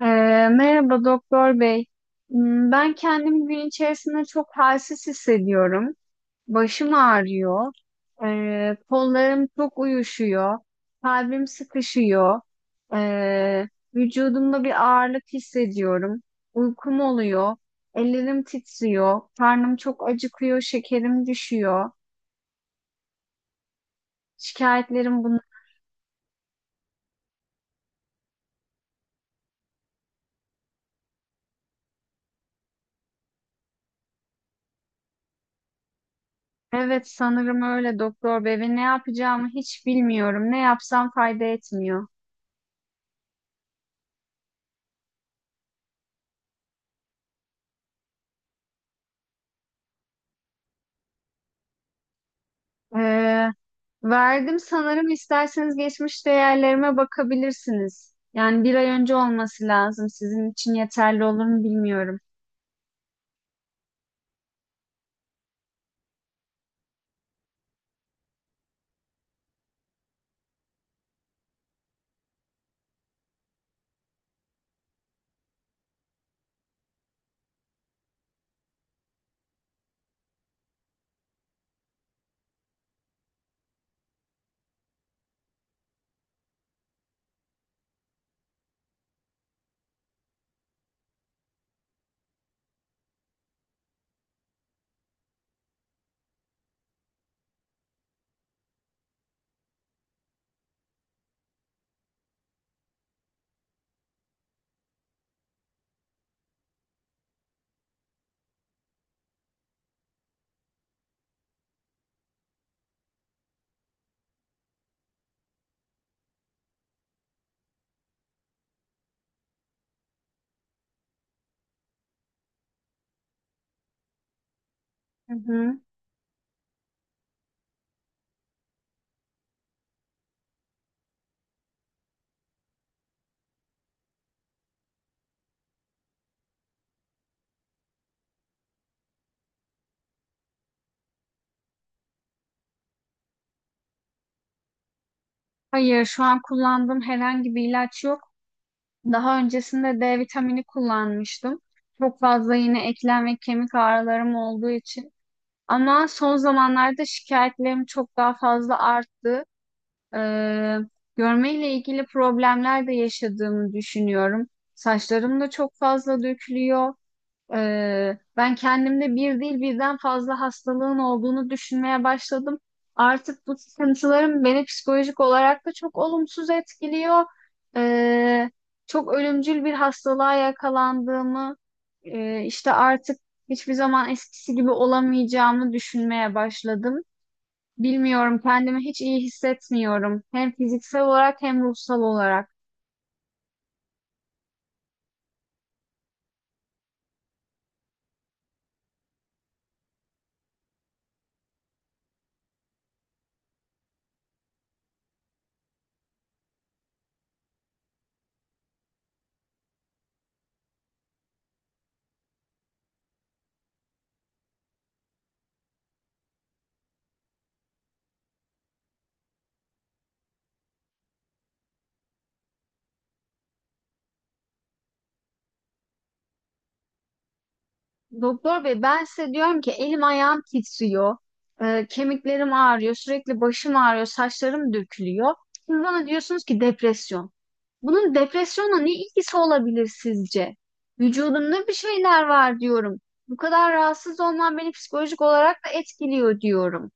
Ee, merhaba doktor bey. Hmm, ben kendimi gün içerisinde çok halsiz hissediyorum. Başım ağrıyor. Kollarım çok uyuşuyor. Kalbim sıkışıyor. Ee, vücudumda bir ağırlık hissediyorum. Uykum oluyor. Ellerim titriyor. Karnım çok acıkıyor. Şekerim düşüyor. Şikayetlerim bunlar. Evet sanırım öyle doktor bey ve ne yapacağımı hiç bilmiyorum. Ne yapsam fayda etmiyor. Ee, verdim sanırım isterseniz geçmiş değerlerime bakabilirsiniz. Yani bir ay önce olması lazım. Sizin için yeterli olur mu bilmiyorum. Hı hı. Hayır, şu an kullandığım herhangi bir ilaç yok. Daha öncesinde D vitamini kullanmıştım. Çok fazla yine eklem ve kemik ağrılarım olduğu için. Ama son zamanlarda şikayetlerim çok daha fazla arttı. Ee, görmeyle ilgili problemler de yaşadığımı düşünüyorum. Saçlarım da çok fazla dökülüyor. Ben kendimde bir değil birden fazla hastalığın olduğunu düşünmeye başladım. Artık bu sıkıntılarım beni psikolojik olarak da çok olumsuz etkiliyor. Ee, çok ölümcül bir hastalığa yakalandığımı, işte artık hiçbir zaman eskisi gibi olamayacağımı düşünmeye başladım. Bilmiyorum, kendimi hiç iyi hissetmiyorum. Hem fiziksel olarak hem ruhsal olarak. Doktor bey, ben size diyorum ki elim ayağım titriyor, kemiklerim ağrıyor, sürekli başım ağrıyor, saçlarım dökülüyor. Siz bana diyorsunuz ki depresyon. Bunun depresyonla ne ilgisi olabilir sizce? Vücudumda bir şeyler var diyorum. Bu kadar rahatsız olmam beni psikolojik olarak da etkiliyor diyorum.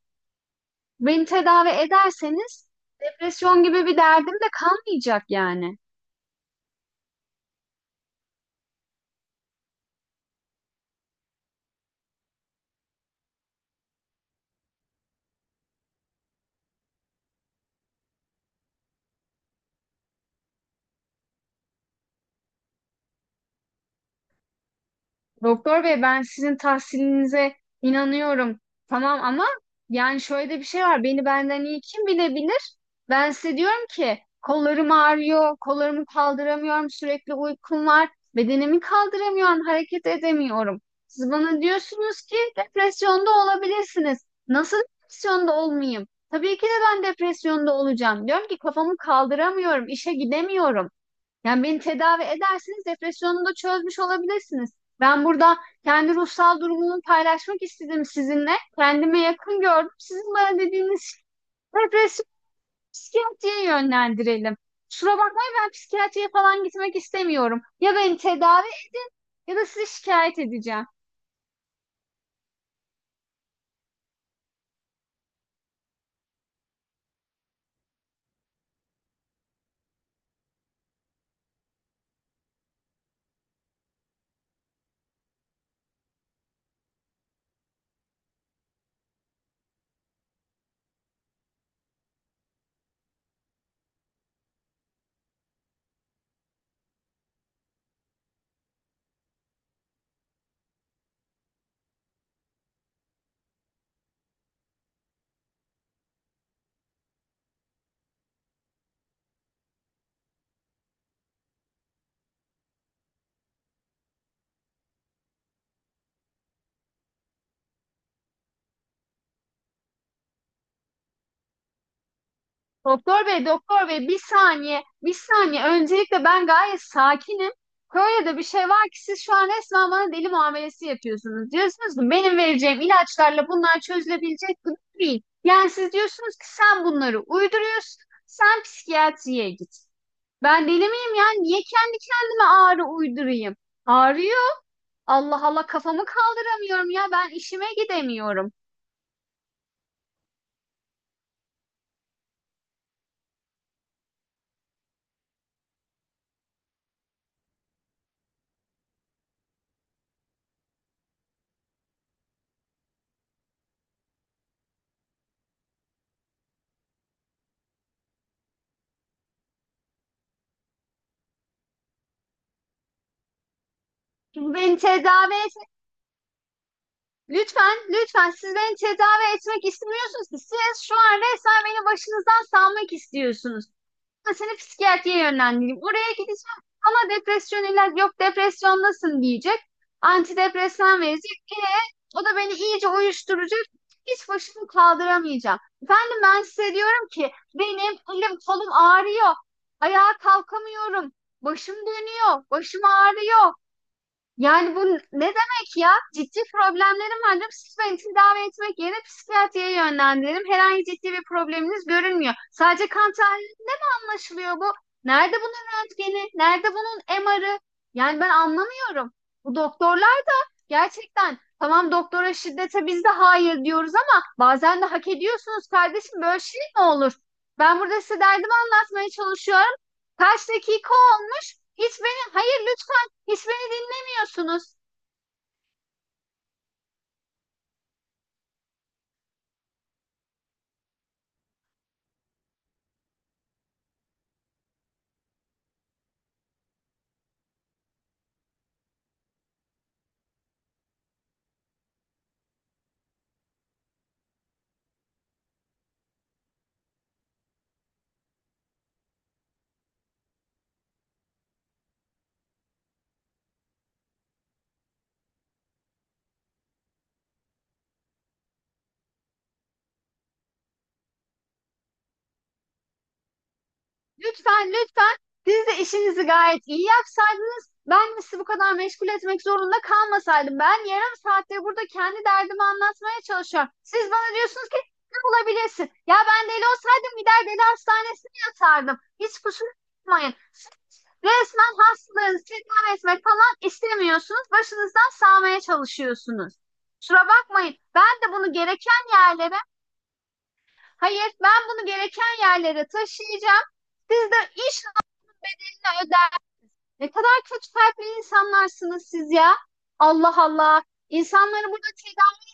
Beni tedavi ederseniz depresyon gibi bir derdim de kalmayacak yani. Doktor bey ben sizin tahsilinize inanıyorum. Tamam ama yani şöyle de bir şey var. Beni benden iyi kim bilebilir? Ben size diyorum ki kollarım ağrıyor, kollarımı kaldıramıyorum, sürekli uykum var, bedenimi kaldıramıyorum, hareket edemiyorum. Siz bana diyorsunuz ki depresyonda olabilirsiniz. Nasıl depresyonda olmayayım? Tabii ki de ben depresyonda olacağım. Diyorum ki kafamı kaldıramıyorum, işe gidemiyorum. Yani beni tedavi edersiniz, depresyonumu da çözmüş olabilirsiniz. Ben burada kendi ruhsal durumumu paylaşmak istedim sizinle. Kendime yakın gördüm. Sizin bana dediğiniz depresyon psikiyatriye yönlendirelim. Kusura bakmayın ben psikiyatriye falan gitmek istemiyorum. Ya beni tedavi edin ya da sizi şikayet edeceğim. Doktor bey, doktor bey bir saniye, bir saniye. Öncelikle ben gayet sakinim. Kore'de bir şey var ki siz şu an resmen bana deli muamelesi yapıyorsunuz. Diyorsunuz ki benim vereceğim ilaçlarla bunlar çözülebilecek gibi değil. Yani siz diyorsunuz ki sen bunları uyduruyorsun, sen psikiyatriye git. Ben deli miyim ya? Niye kendi kendime ağrı uydurayım? Ağrıyor. Allah Allah kafamı kaldıramıyorum ya. Ben işime gidemiyorum. Beni tedavi lütfen, lütfen siz beni tedavi etmek istemiyorsunuz ki. Siz şu an resmen beni başınızdan salmak istiyorsunuz. Ben seni psikiyatriye yönlendireyim. Oraya gideceğim ama depresyon ilaç yok depresyondasın diyecek. Antidepresan verecek. O da beni iyice uyuşturacak. Hiç başımı kaldıramayacağım. Efendim ben size diyorum ki benim elim kolum ağrıyor. Ayağa kalkamıyorum. Başım dönüyor. Başım ağrıyor. Yani bu ne demek ya? Ciddi problemlerim var diyorum. Siz beni tedavi etmek yerine psikiyatriye yönlendirelim. Herhangi ciddi bir probleminiz görünmüyor. Sadece kan anlaşılıyor bu? Nerede bunun röntgeni? Nerede bunun MR'ı? Yani ben anlamıyorum. Bu doktorlar da gerçekten tamam doktora şiddete biz de hayır diyoruz ama bazen de hak ediyorsunuz kardeşim böyle şey mi olur? Ben burada size derdimi anlatmaya çalışıyorum. Kaç dakika olmuş? Hiç beni hayır lütfen hiç beni dinlemiyorsunuz. Lütfen lütfen siz de işinizi gayet iyi yapsaydınız ben sizi bu kadar meşgul etmek zorunda kalmasaydım. Ben yarım saattir burada kendi derdimi anlatmaya çalışıyorum. Siz bana diyorsunuz ki ne olabilirsin? Ya ben deli olsaydım gider deli hastanesine yatardım. Hiç kusura bakmayın. Siz resmen hastalarınızı tedavi etmek falan istemiyorsunuz. Başınızdan sağmaya çalışıyorsunuz. Kusura bakmayın. Ben de bunu gereken yerlere, hayır ben bunu gereken yerlere taşıyacağım. Siz de iş ne kadar kötü kalpli insanlarsınız siz ya. Allah Allah. İnsanları burada çiğden...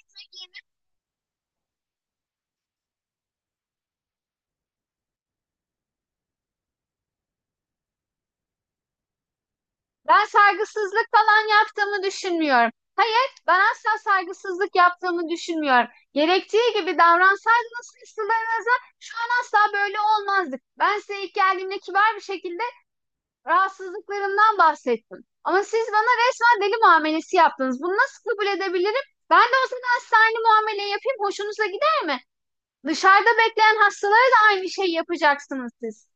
Ben saygısızlık falan yaptığımı düşünmüyorum. Hayır, ben asla saygısızlık yaptığımı düşünmüyorum. Gerektiği gibi davransaydınız hırslarınıza şu an asla böyle olmazdık. Ben size ilk geldiğimde kibar bir şekilde rahatsızlıklarımdan bahsettim. Ama siz bana resmen deli muamelesi yaptınız. Bunu nasıl kabul edebilirim? Ben de o zaman size muamele yapayım. Hoşunuza gider mi? Dışarıda bekleyen hastalara da aynı şeyi yapacaksınız siz.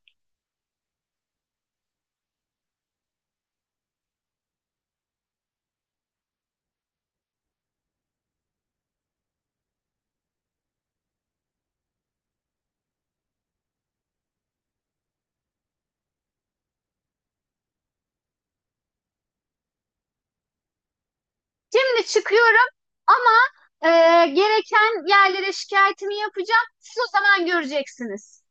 Şimdi çıkıyorum ama e, gereken yerlere şikayetimi yapacağım. Siz o zaman göreceksiniz.